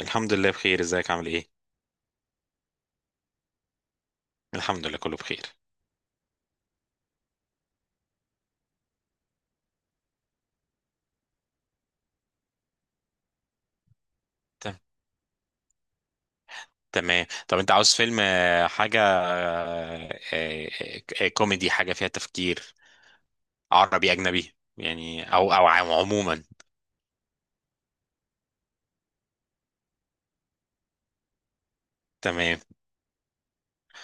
الحمد لله بخير، ازيك؟ عامل ايه؟ الحمد لله، كله بخير. تم- تمام. طب انت عاوز فيلم، آه، حاجة آه، آه، آه، كوميدي، حاجة فيها تفكير؟ عربي، أجنبي يعني، أو عموما؟ تمام،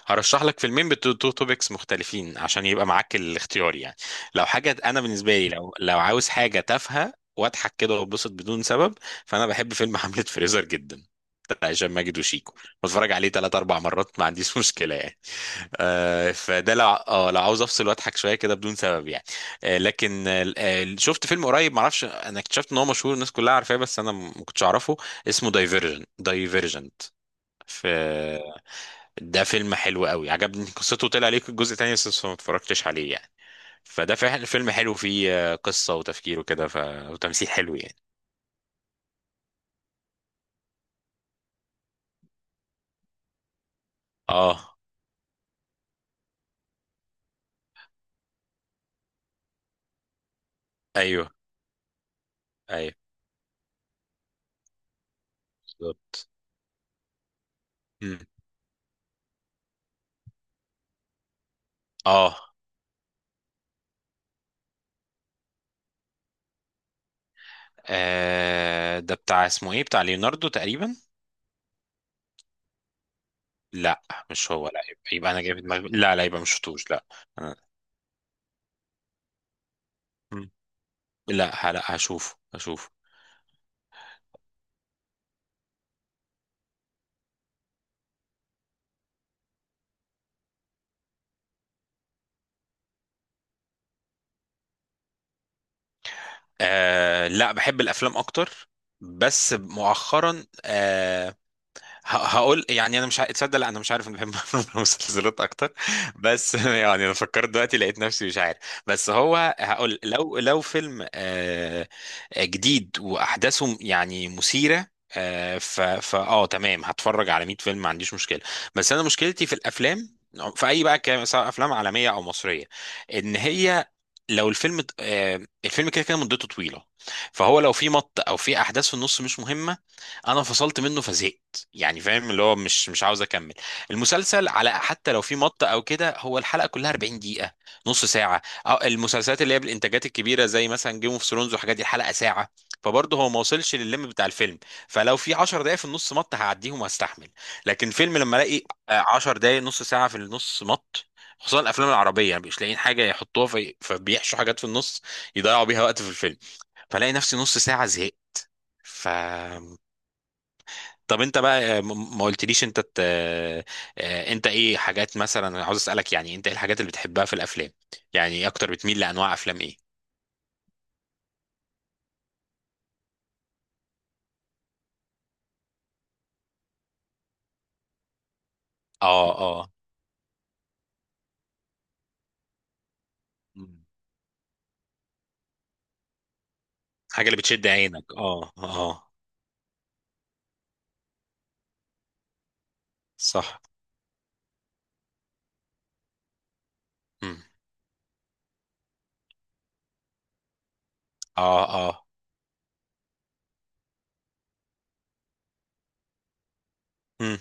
هرشح لك فيلمين توبكس مختلفين عشان يبقى معاك الاختيار يعني. لو حاجة انا بالنسبة لي، لو عاوز حاجة تافهة واضحك كده واتبسط بدون سبب، فانا بحب فيلم حملة فريزر جدا، بتاع هشام ماجد وشيكو. بتفرج عليه 3 4 مرات، ما عنديش مشكله يعني. فده لو عاوز افصل واضحك شويه كده بدون سبب يعني. آه لكن آه آه، شفت فيلم قريب، ما اعرفش، انا اكتشفت ان هو مشهور الناس كلها عارفاه، بس انا ما كنتش اعرفه. اسمه دايفيرجنت. في ده فيلم حلو قوي، عجبني قصته. طلع ليك الجزء تاني بس ما اتفرجتش عليه يعني. فده فعلا فيلم حلو، فيه قصة وتفكير وكده، وتمثيل حلو يعني. اه، ايوه، ايوه، بالظبط. مم. اه، ده بتاع، اسمه ايه، بتاع ليوناردو تقريبا. لا، مش هو، لا، يبقى, يبقى انا جاي في دماغي، لا لا، يبقى مش شفتوش، لا. آه. مم. لا لا، هشوفه هشوفه. لا، بحب الافلام اكتر. بس مؤخرا هقول يعني، انا مش ع- تصدق لا انا مش عارف، انا بحب المسلسلات اكتر. بس يعني انا فكرت دلوقتي لقيت نفسي مش عارف. بس هو هقول لو فيلم جديد واحداثه يعني مثيره، آه، ف ف اه تمام، هتفرج على 100 فيلم ما عنديش مشكله. بس انا مشكلتي في الافلام، في اي بقى كلام، سواء افلام عالميه او مصريه، ان هي لو الفيلم الفيلم كده كده مدته طويله، فهو لو في مط او في احداث في النص مش مهمه، انا فصلت منه فزهقت يعني، فاهم، اللي هو مش عاوز اكمل. المسلسل على حتى لو في مط او كده، هو الحلقه كلها 40 دقيقه، نص ساعه. أو المسلسلات اللي هي بالانتاجات الكبيره زي مثلا جيم اوف ثرونز والحاجات دي، الحلقه ساعه، فبرضه هو ما وصلش للليم بتاع الفيلم. فلو في 10 دقائق في النص مط، هعديهم وهستحمل. لكن فيلم لما الاقي 10 دقائق، نص ساعه في النص مط، خصوصا الافلام العربيه يعني، مش لاقيين حاجه يحطوها في، فبيحشوا حاجات في النص يضيعوا بيها وقت في الفيلم، فلاقي نفسي نص ساعه زهقت. ف... طب انت بقى ما قلتليش، انت ت... آه، آه، انت ايه حاجات، مثلا انا عاوز اسالك يعني، انت ايه الحاجات اللي بتحبها في الافلام؟ يعني ايه اكتر، بتميل لانواع افلام ايه؟ اه اه. مم. حاجه اللي بتشد عينك، اه اه. صح. مم. اه اه. مم.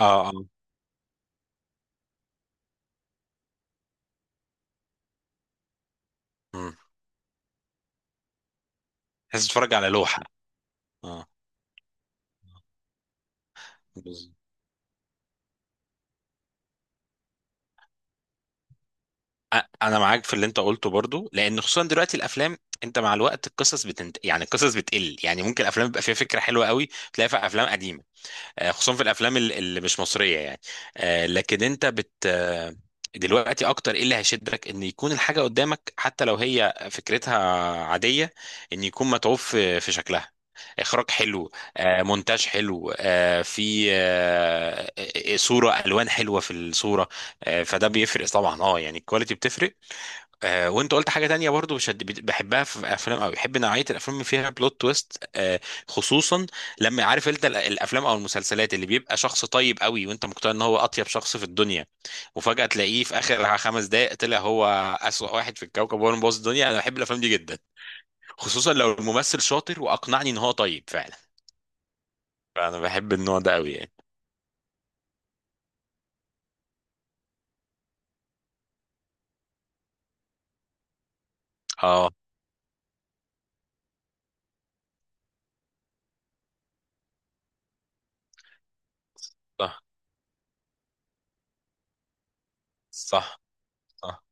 اه اه. مم. تحس تتفرج على لوحه. اه، بالظبط. انا معاك في اللي انت قلته برضو، لان خصوصا دلوقتي الافلام، انت مع الوقت القصص يعني القصص بتقل يعني، ممكن الافلام بيبقى فيها فكره حلوه قوي تلاقيها في افلام قديمه، خصوصا في اللي مش مصريه يعني. آه، لكن انت بت آه، دلوقتي اكتر ايه اللي هيشدك؟ ان يكون الحاجه قدامك حتى لو هي فكرتها عاديه، ان يكون متعوب في شكلها، اخراج حلو، مونتاج حلو، آه، في آه، آه، صوره، الوان حلوه في الصوره، فده بيفرق طبعا، اه يعني الكواليتي بتفرق. وانت قلت حاجه تانية برضو بشد بحبها في افلام، او بحب نوعيه الافلام اللي فيها بلوت تويست. خصوصا لما عارف انت الافلام او المسلسلات اللي بيبقى شخص طيب قوي، وانت مقتنع ان هو اطيب شخص في الدنيا، وفجاه تلاقيه في اخر 5 دقائق طلع هو اسوأ واحد في الكوكب وهو اللي مبوظ الدنيا. انا بحب الافلام دي جدا، خصوصا لو الممثل شاطر واقنعني ان هو طيب فعلا، فانا بحب النوع ده قوي يعني. اه. صح، صح، صح.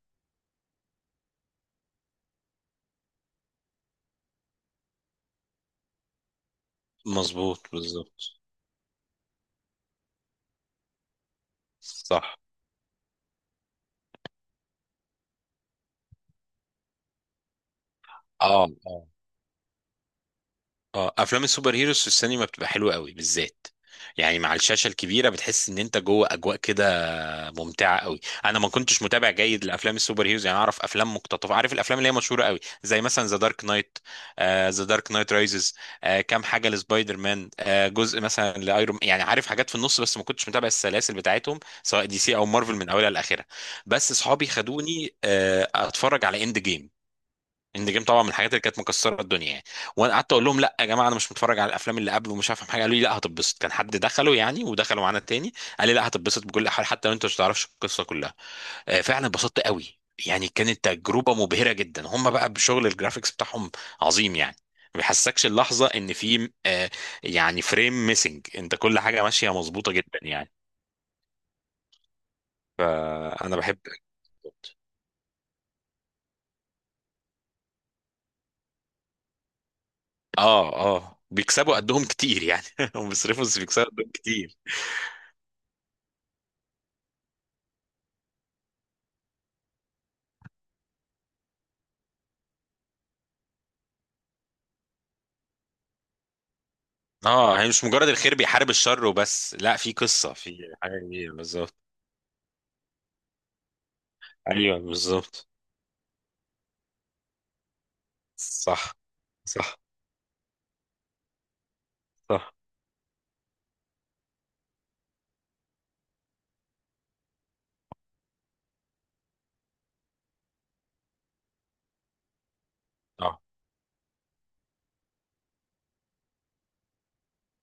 مظبوط، بالظبط. صح. اه، اه، اه، افلام السوبر هيروز في السينما بتبقى حلوه قوي بالذات يعني، مع الشاشه الكبيره بتحس ان انت جوه اجواء كده ممتعه قوي. انا ما كنتش متابع جيد لافلام السوبر هيروز يعني، اعرف افلام مقتطفه، عارف الافلام اللي هي مشهوره قوي، زي مثلا ذا دارك نايت، ذا دارك نايت رايزز، كام حاجه لسبايدر مان، آه جزء مثلا لايرون، يعني عارف حاجات في النص، بس ما كنتش متابع السلاسل بتاعتهم سواء دي سي او مارفل من اولها لاخرها. بس اصحابي خدوني اتفرج على اند جيم. اند جيم طبعا من الحاجات اللي كانت مكسره الدنيا يعني، وانا قعدت اقول لهم لا يا جماعه انا مش متفرج على الافلام اللي قبل ومش هفهم حاجه، قالوا لي لا هتتبسط، كان حد دخلوا يعني ودخلوا معانا تاني، قال لي لا هتتبسط بكل حال حتى لو انت مش تعرفش القصه كلها. فعلا اتبسطت قوي، يعني كانت تجربه مبهره جدا. هم بقى بشغل الجرافيكس بتاعهم عظيم يعني، ما بيحسكش اللحظه ان في يعني فريم ميسنج، انت كل حاجه ماشيه مظبوطه جدا يعني. آه، انا بحب اه اه، بيكسبوا قدهم كتير يعني، هم بيصرفوا بس بيكسبوا قدهم كتير. اه، هي مش مجرد الخير بيحارب الشر وبس، لا في قصة، في حاجة كبيرة بالظبط. ايوه بالظبط. صح، صح، صح. اه،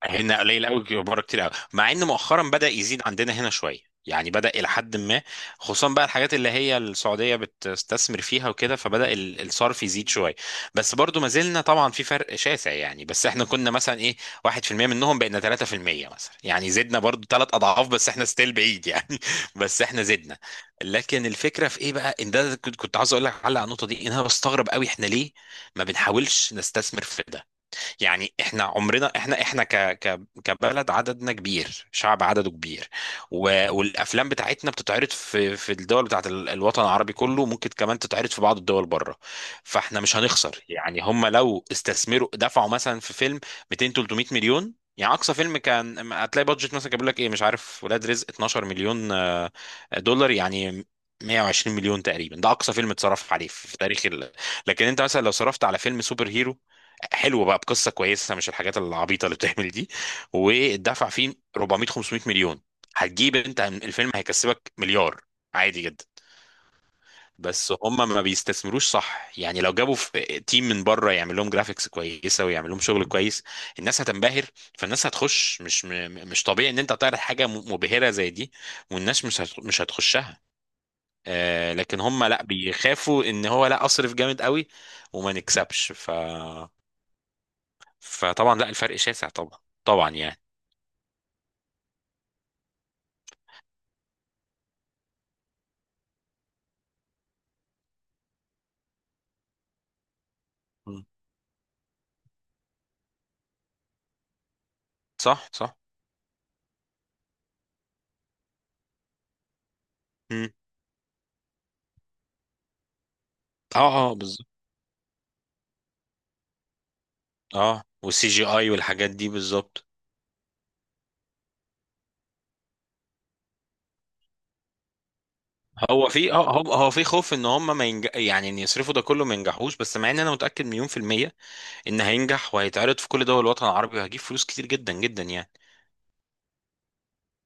هنا قليل قوي، بره كتير قوي، مع ان مؤخرا بدأ يزيد عندنا هنا شويه يعني، بدأ إلى حد ما، خصوصا بقى الحاجات اللي هي السعودية بتستثمر فيها وكده، فبدأ الصرف يزيد شوية. بس برضو ما زلنا طبعا في فرق شاسع يعني، بس احنا كنا مثلا ايه 1% منهم بقينا 3% مثلا، يعني زدنا برضو 3 أضعاف، بس احنا ستيل بعيد يعني بس احنا زدنا. لكن الفكرة في ايه بقى، ان ده كنت عاوز اقول لك على النقطة دي، ان انا بستغرب قوي، احنا ليه ما بنحاولش نستثمر في ده؟ يعني احنا عمرنا، احنا احنا ك ك كبلد عددنا كبير، شعب عدده كبير، والافلام بتاعتنا بتتعرض في الدول بتاعت الوطن العربي كله، ممكن كمان تتعرض في بعض الدول بره، فاحنا مش هنخسر يعني. هم لو استثمروا دفعوا مثلا في فيلم 200 300 مليون، يعني اقصى فيلم كان هتلاقي بادجت مثلا كان بيقول لك ايه، مش عارف ولاد رزق 12 مليون دولار يعني 120 مليون تقريبا، ده اقصى فيلم اتصرف عليه في تاريخ ال... لكن انت مثلا لو صرفت على فيلم سوبر هيرو حلو بقى بقصه كويسه مش الحاجات العبيطه اللي بتعمل دي، واتدفع فيه 400 500 مليون، هتجيب، انت الفيلم هيكسبك مليار عادي جدا. بس هم ما بيستثمروش، صح يعني؟ لو جابوا في تيم من بره يعمل لهم جرافيكس كويسه ويعمل لهم شغل كويس، الناس هتنبهر، فالناس هتخش. مش طبيعي ان انت تعرض حاجه مبهره زي دي والناس مش هتخشها، لكن هم لا بيخافوا ان هو لا اصرف جامد قوي وما نكسبش. ف... فطبعا لا الفرق شاسع طبعا، طبعا يعني. مم. صح صح. مم. اه اه بالظبط، اه، والسي جي اي والحاجات دي بالظبط. هو في اه، هو في خوف ان هم ما ينج... يعني ان يصرفوا ده كله ما ينجحوش، بس مع ان انا متاكد مليون في الميه ان هينجح، وهيتعرض في كل دول الوطن العربي وهجيب فلوس كتير جدا جدا يعني.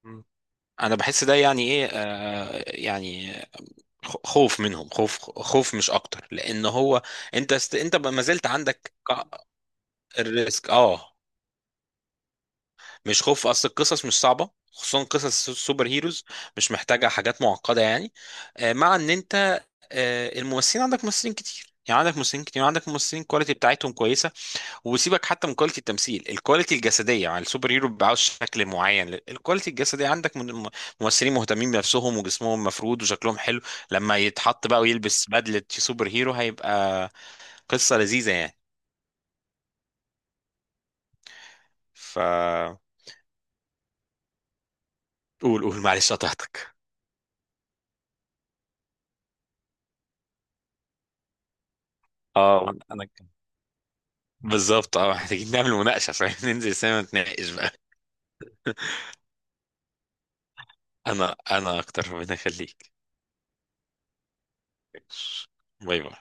مم. انا بحس ده يعني ايه، آه يعني خوف منهم، خوف مش اكتر، لان هو انت انت ما زلت عندك الريسك، اه. مش خوف، اصل القصص مش صعبه، خصوصا قصص السوبر هيروز، مش محتاجه حاجات معقده يعني. آه، مع ان انت آه، الممثلين، عندك ممثلين كتير يعني، عندك ممثلين كتير، وعندك ممثلين الكواليتي بتاعتهم كويسه، وسيبك حتى من كواليتي التمثيل، الكواليتي الجسديه، يعني السوبر هيرو بيبقى عاوز شكل معين، الكواليتي الجسديه عندك ممثلين مهتمين بنفسهم وجسمهم مفرود وشكلهم حلو، لما يتحط بقى ويلبس بدله سوبر هيرو هيبقى قصه لذيذه يعني. ف... قول قول، معلش قطعتك. اه انا بالظبط، اه محتاجين نعمل مناقشة، فاهم، ننزل سينما نتناقش بقى. انا اكتر، ربنا يخليك. باي باي.